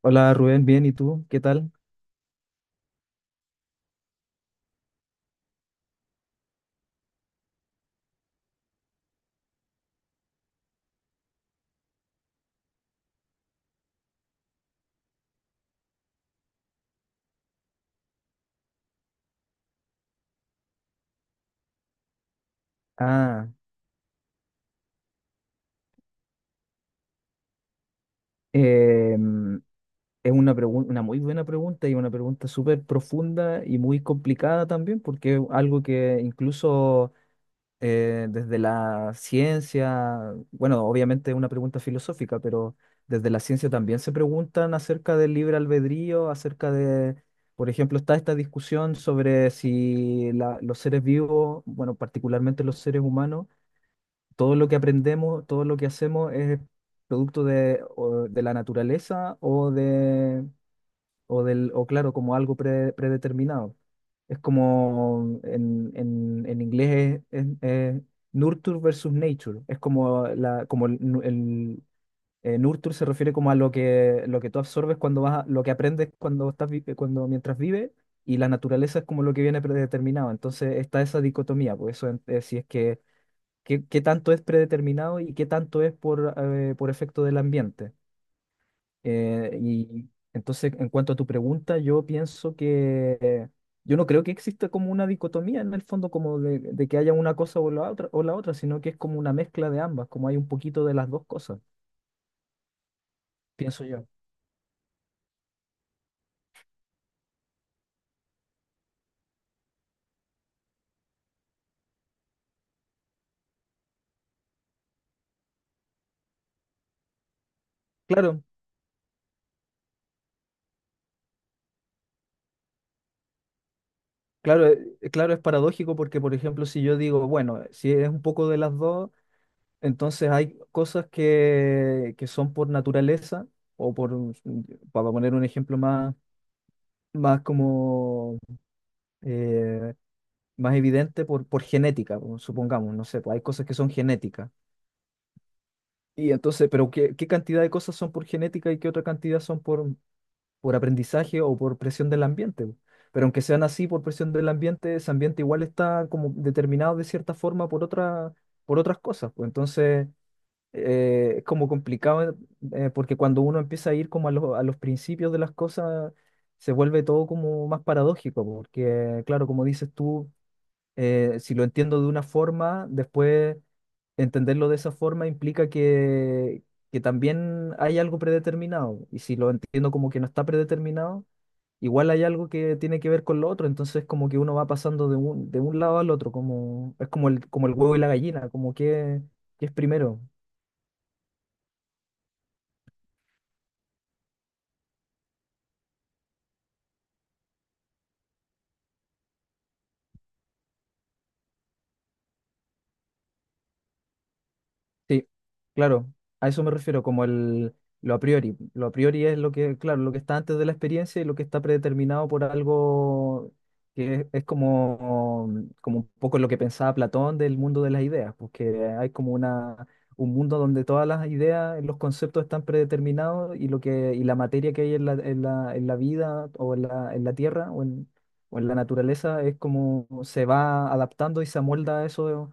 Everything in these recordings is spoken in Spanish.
Hola Rubén, bien, ¿y tú? ¿Qué tal? Ah, em, es una muy buena pregunta y una pregunta súper profunda y muy complicada también, porque es algo que incluso desde la ciencia, bueno, obviamente es una pregunta filosófica, pero desde la ciencia también se preguntan acerca del libre albedrío, acerca de, por ejemplo, está esta discusión sobre si los seres vivos, bueno, particularmente los seres humanos, todo lo que aprendemos, todo lo que hacemos es producto de, o de la naturaleza o de, o del, o claro, como algo predeterminado. Es como en inglés es nurture versus nature. Es como como el, nurture se refiere como a lo que tú absorbes cuando lo que aprendes cuando cuando mientras vives, y la naturaleza es como lo que viene predeterminado. Entonces está esa dicotomía, por eso si es que qué tanto es predeterminado y qué tanto es por efecto del ambiente. Y entonces, en cuanto a tu pregunta, yo pienso que yo no creo que exista como una dicotomía en el fondo, como de que haya una cosa o la otra, sino que es como una mezcla de ambas, como hay un poquito de las dos cosas, pienso yo. Claro, claro, claro, es paradójico porque, por ejemplo, si yo digo, bueno, si es un poco de las dos, entonces hay cosas que son por naturaleza, o por, para poner un ejemplo más, más como eh, más evidente, por genética, o supongamos, no sé, pues hay cosas que son genéticas. Y entonces, pero ¿qué, qué cantidad de cosas son por genética y qué otra cantidad son por aprendizaje o por presión del ambiente? Po? Pero aunque sean así por presión del ambiente, ese ambiente igual está como determinado de cierta forma por otra, por otras cosas. Pues entonces, es como complicado porque cuando uno empieza a ir como los a los principios de las cosas, se vuelve todo como más paradójico, porque claro, como dices tú, si lo entiendo de una forma, después entenderlo de esa forma implica que también hay algo predeterminado, y si lo entiendo como que no está predeterminado, igual hay algo que tiene que ver con lo otro, entonces como que uno va pasando de de un lado al otro, como, es como como el huevo y la gallina, como que es primero. Sí, claro, a eso me refiero, como el lo a priori. Lo a priori es lo que, claro, lo que está antes de la experiencia y lo que está predeterminado por algo que es como, como un poco lo que pensaba Platón del mundo de las ideas, porque hay como un mundo donde todas las ideas, los conceptos están predeterminados y lo que, y la materia que hay en en la vida o en en la tierra o en la naturaleza es como se va adaptando y se amolda a eso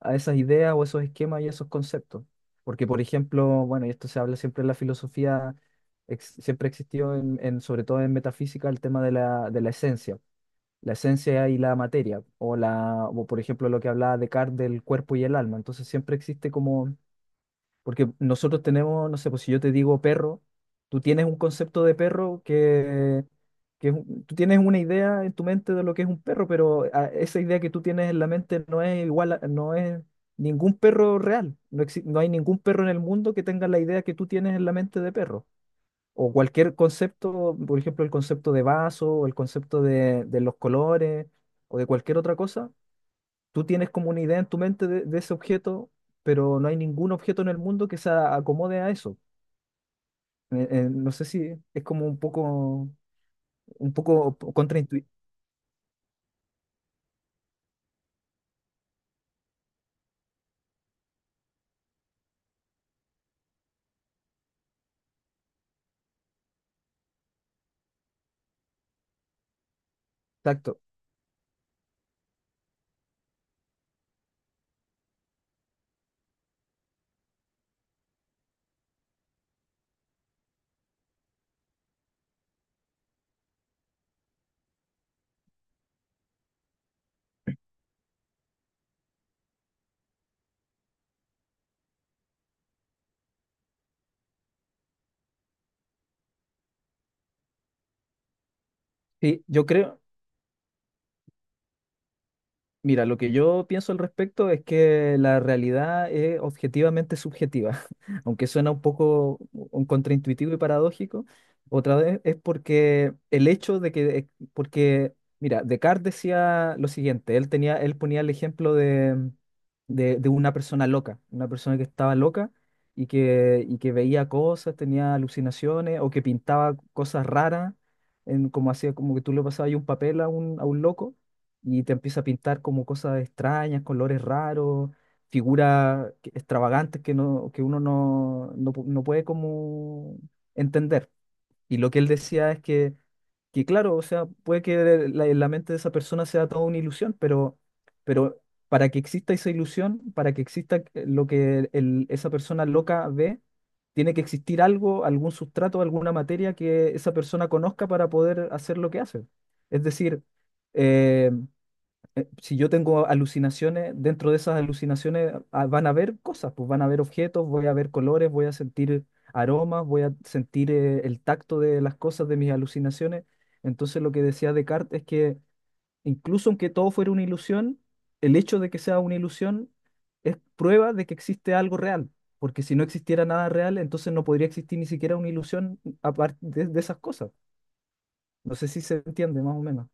a esas ideas o esos esquemas y esos conceptos. Porque, por ejemplo, bueno, y esto se habla siempre en la filosofía, siempre existió sobre todo en metafísica, el tema de de la esencia y la materia, o la, o por ejemplo lo que hablaba Descartes del cuerpo y el alma. Entonces siempre existe como porque nosotros tenemos, no sé, pues si yo te digo perro, tú tienes un concepto de perro que, tú tienes una idea en tu mente de lo que es un perro, pero esa idea que tú tienes en la mente no es igual, no es ningún perro real. No hay ningún perro en el mundo que tenga la idea que tú tienes en la mente de perro. O cualquier concepto, por ejemplo, el concepto de vaso, o el concepto de los colores, o de cualquier otra cosa, tú tienes como una idea en tu mente de ese objeto, pero no hay ningún objeto en el mundo que acomode a eso. No sé si es como un poco contraintuitivo. Exacto. Sí, yo creo. Mira, lo que yo pienso al respecto es que la realidad es objetivamente subjetiva, aunque suena un poco un contraintuitivo y paradójico. Otra vez es porque el hecho de que, porque, mira, Descartes decía lo siguiente, él tenía, él ponía el ejemplo de, de una persona loca, una persona que estaba loca y que veía cosas, tenía alucinaciones o que pintaba cosas raras, en, como hacía, como que tú le pasabas ahí un papel a a un loco y te empieza a pintar como cosas extrañas, colores raros, extravagantes que, no, que uno no, no puede como entender. Y lo que él decía es que claro, o sea, puede que la mente de esa persona sea toda una ilusión, pero para que exista esa ilusión, para que exista lo esa persona loca ve, tiene que existir algo, algún sustrato, alguna materia que esa persona conozca para poder hacer lo que hace. Es decir, eh, si yo tengo alucinaciones, dentro de esas alucinaciones van a haber cosas, pues van a haber objetos, voy a ver colores, voy a sentir aromas, voy a sentir el tacto de las cosas de mis alucinaciones. Entonces lo que decía Descartes es que incluso aunque todo fuera una ilusión, el hecho de que sea una ilusión es prueba de que existe algo real, porque si no existiera nada real, entonces no podría existir ni siquiera una ilusión aparte de esas cosas. No sé si se entiende más o menos.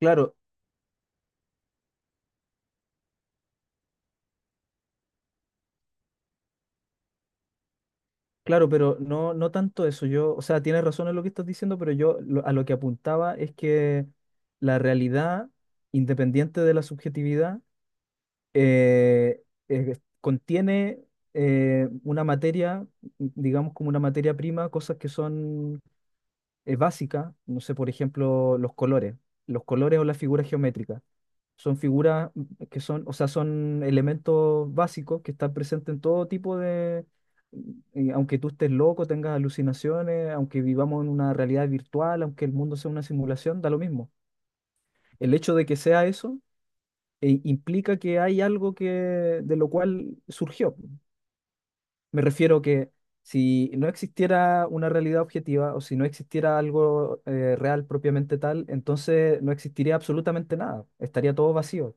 Claro, claro, pero no, no tanto eso. Yo, o sea, tienes razón en lo que estás diciendo, pero yo a lo que apuntaba es que la realidad, independiente de la subjetividad, contiene una materia, digamos como una materia prima, cosas que son es básica, no sé, por ejemplo, los colores o las figuras geométricas. Son figuras que son, o sea, son elementos básicos que están presentes en todo tipo de, aunque tú estés loco, tengas alucinaciones, aunque vivamos en una realidad virtual, aunque el mundo sea una simulación, da lo mismo. El hecho de que sea eso, implica que hay algo que, de lo cual surgió. Me refiero que si no existiera una realidad objetiva o si no existiera algo real propiamente tal, entonces no existiría absolutamente nada, estaría todo vacío.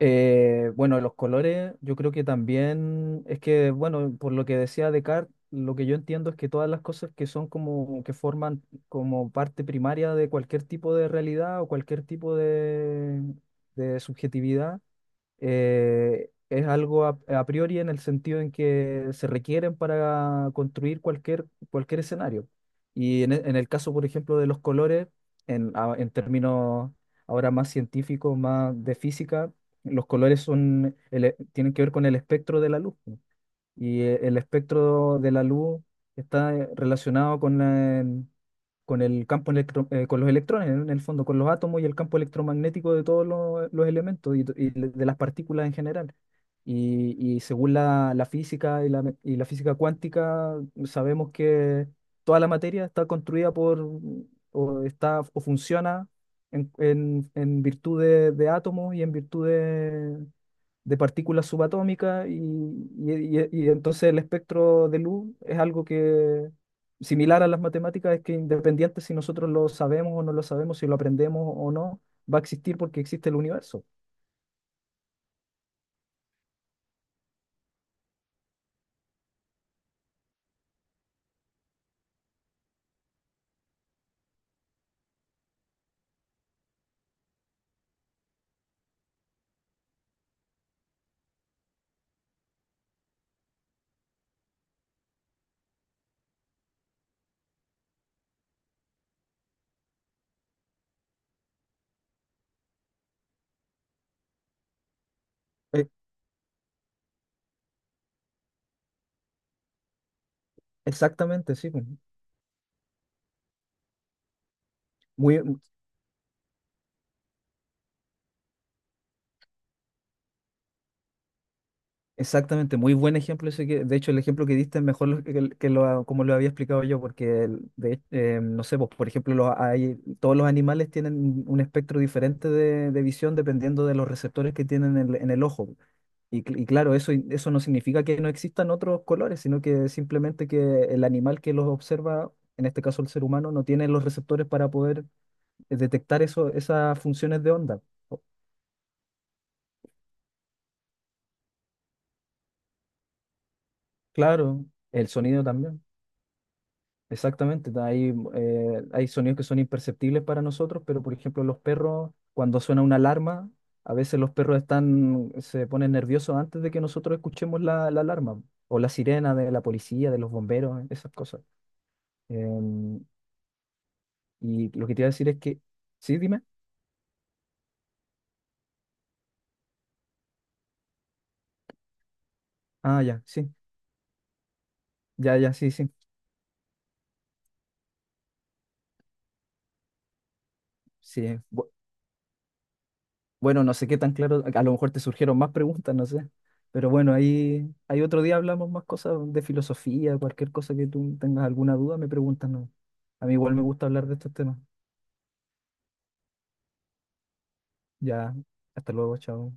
Bueno, los colores, yo creo que también es que, bueno, por lo que decía Descartes, lo que yo entiendo es que todas las cosas que son como que forman como parte primaria de cualquier tipo de realidad o cualquier tipo de subjetividad es algo a priori en el sentido en que se requieren para construir cualquier, cualquier escenario. Y en, en el caso, por ejemplo, de los colores, en, en términos ahora más científicos, más de física, los colores son, tienen que ver con el espectro de la luz. El espectro de la luz está relacionado con el campo con los electrones, en el fondo, con los átomos y el campo electromagnético de todos los, elementos y, y de las partículas en general. Y según la física y y la física cuántica, sabemos que toda la materia está construida por, o está, o funciona en, en virtud de átomos y en virtud de partículas subatómicas y, y entonces el espectro de luz es algo que, similar a las matemáticas, es que independiente si nosotros lo sabemos o no lo sabemos, si lo aprendemos o no, va a existir porque existe el universo. Eh, exactamente, sí. Pues. Muy, Exactamente muy buen ejemplo ese que, de hecho, el ejemplo que diste es mejor que, que lo, como lo había explicado yo, porque no sé, pues, por ejemplo, hay, todos los animales tienen un espectro diferente de visión dependiendo de los receptores que tienen en el ojo. Y, y claro, eso no significa que no existan otros colores, sino que simplemente que el animal que los observa, en este caso el ser humano, no tiene los receptores para poder detectar esas funciones de onda. Claro, el sonido también. Exactamente, hay sonidos que son imperceptibles para nosotros, pero por ejemplo los perros, cuando suena una alarma, a veces los perros están, se ponen nerviosos antes de que nosotros escuchemos la alarma, o la sirena de la policía, de los bomberos, esas cosas. Em, y lo que te iba a decir es que, sí, dime, ah, ya, sí, ya, ya, sí, sí, sí. Bueno, no sé qué tan claro, a lo mejor te surgieron más preguntas, no sé. Pero bueno, ahí, ahí otro día hablamos más cosas de filosofía, cualquier cosa que tú tengas alguna duda, me preguntas, ¿no? A mí igual me gusta hablar de estos temas. Ya, hasta luego, chao.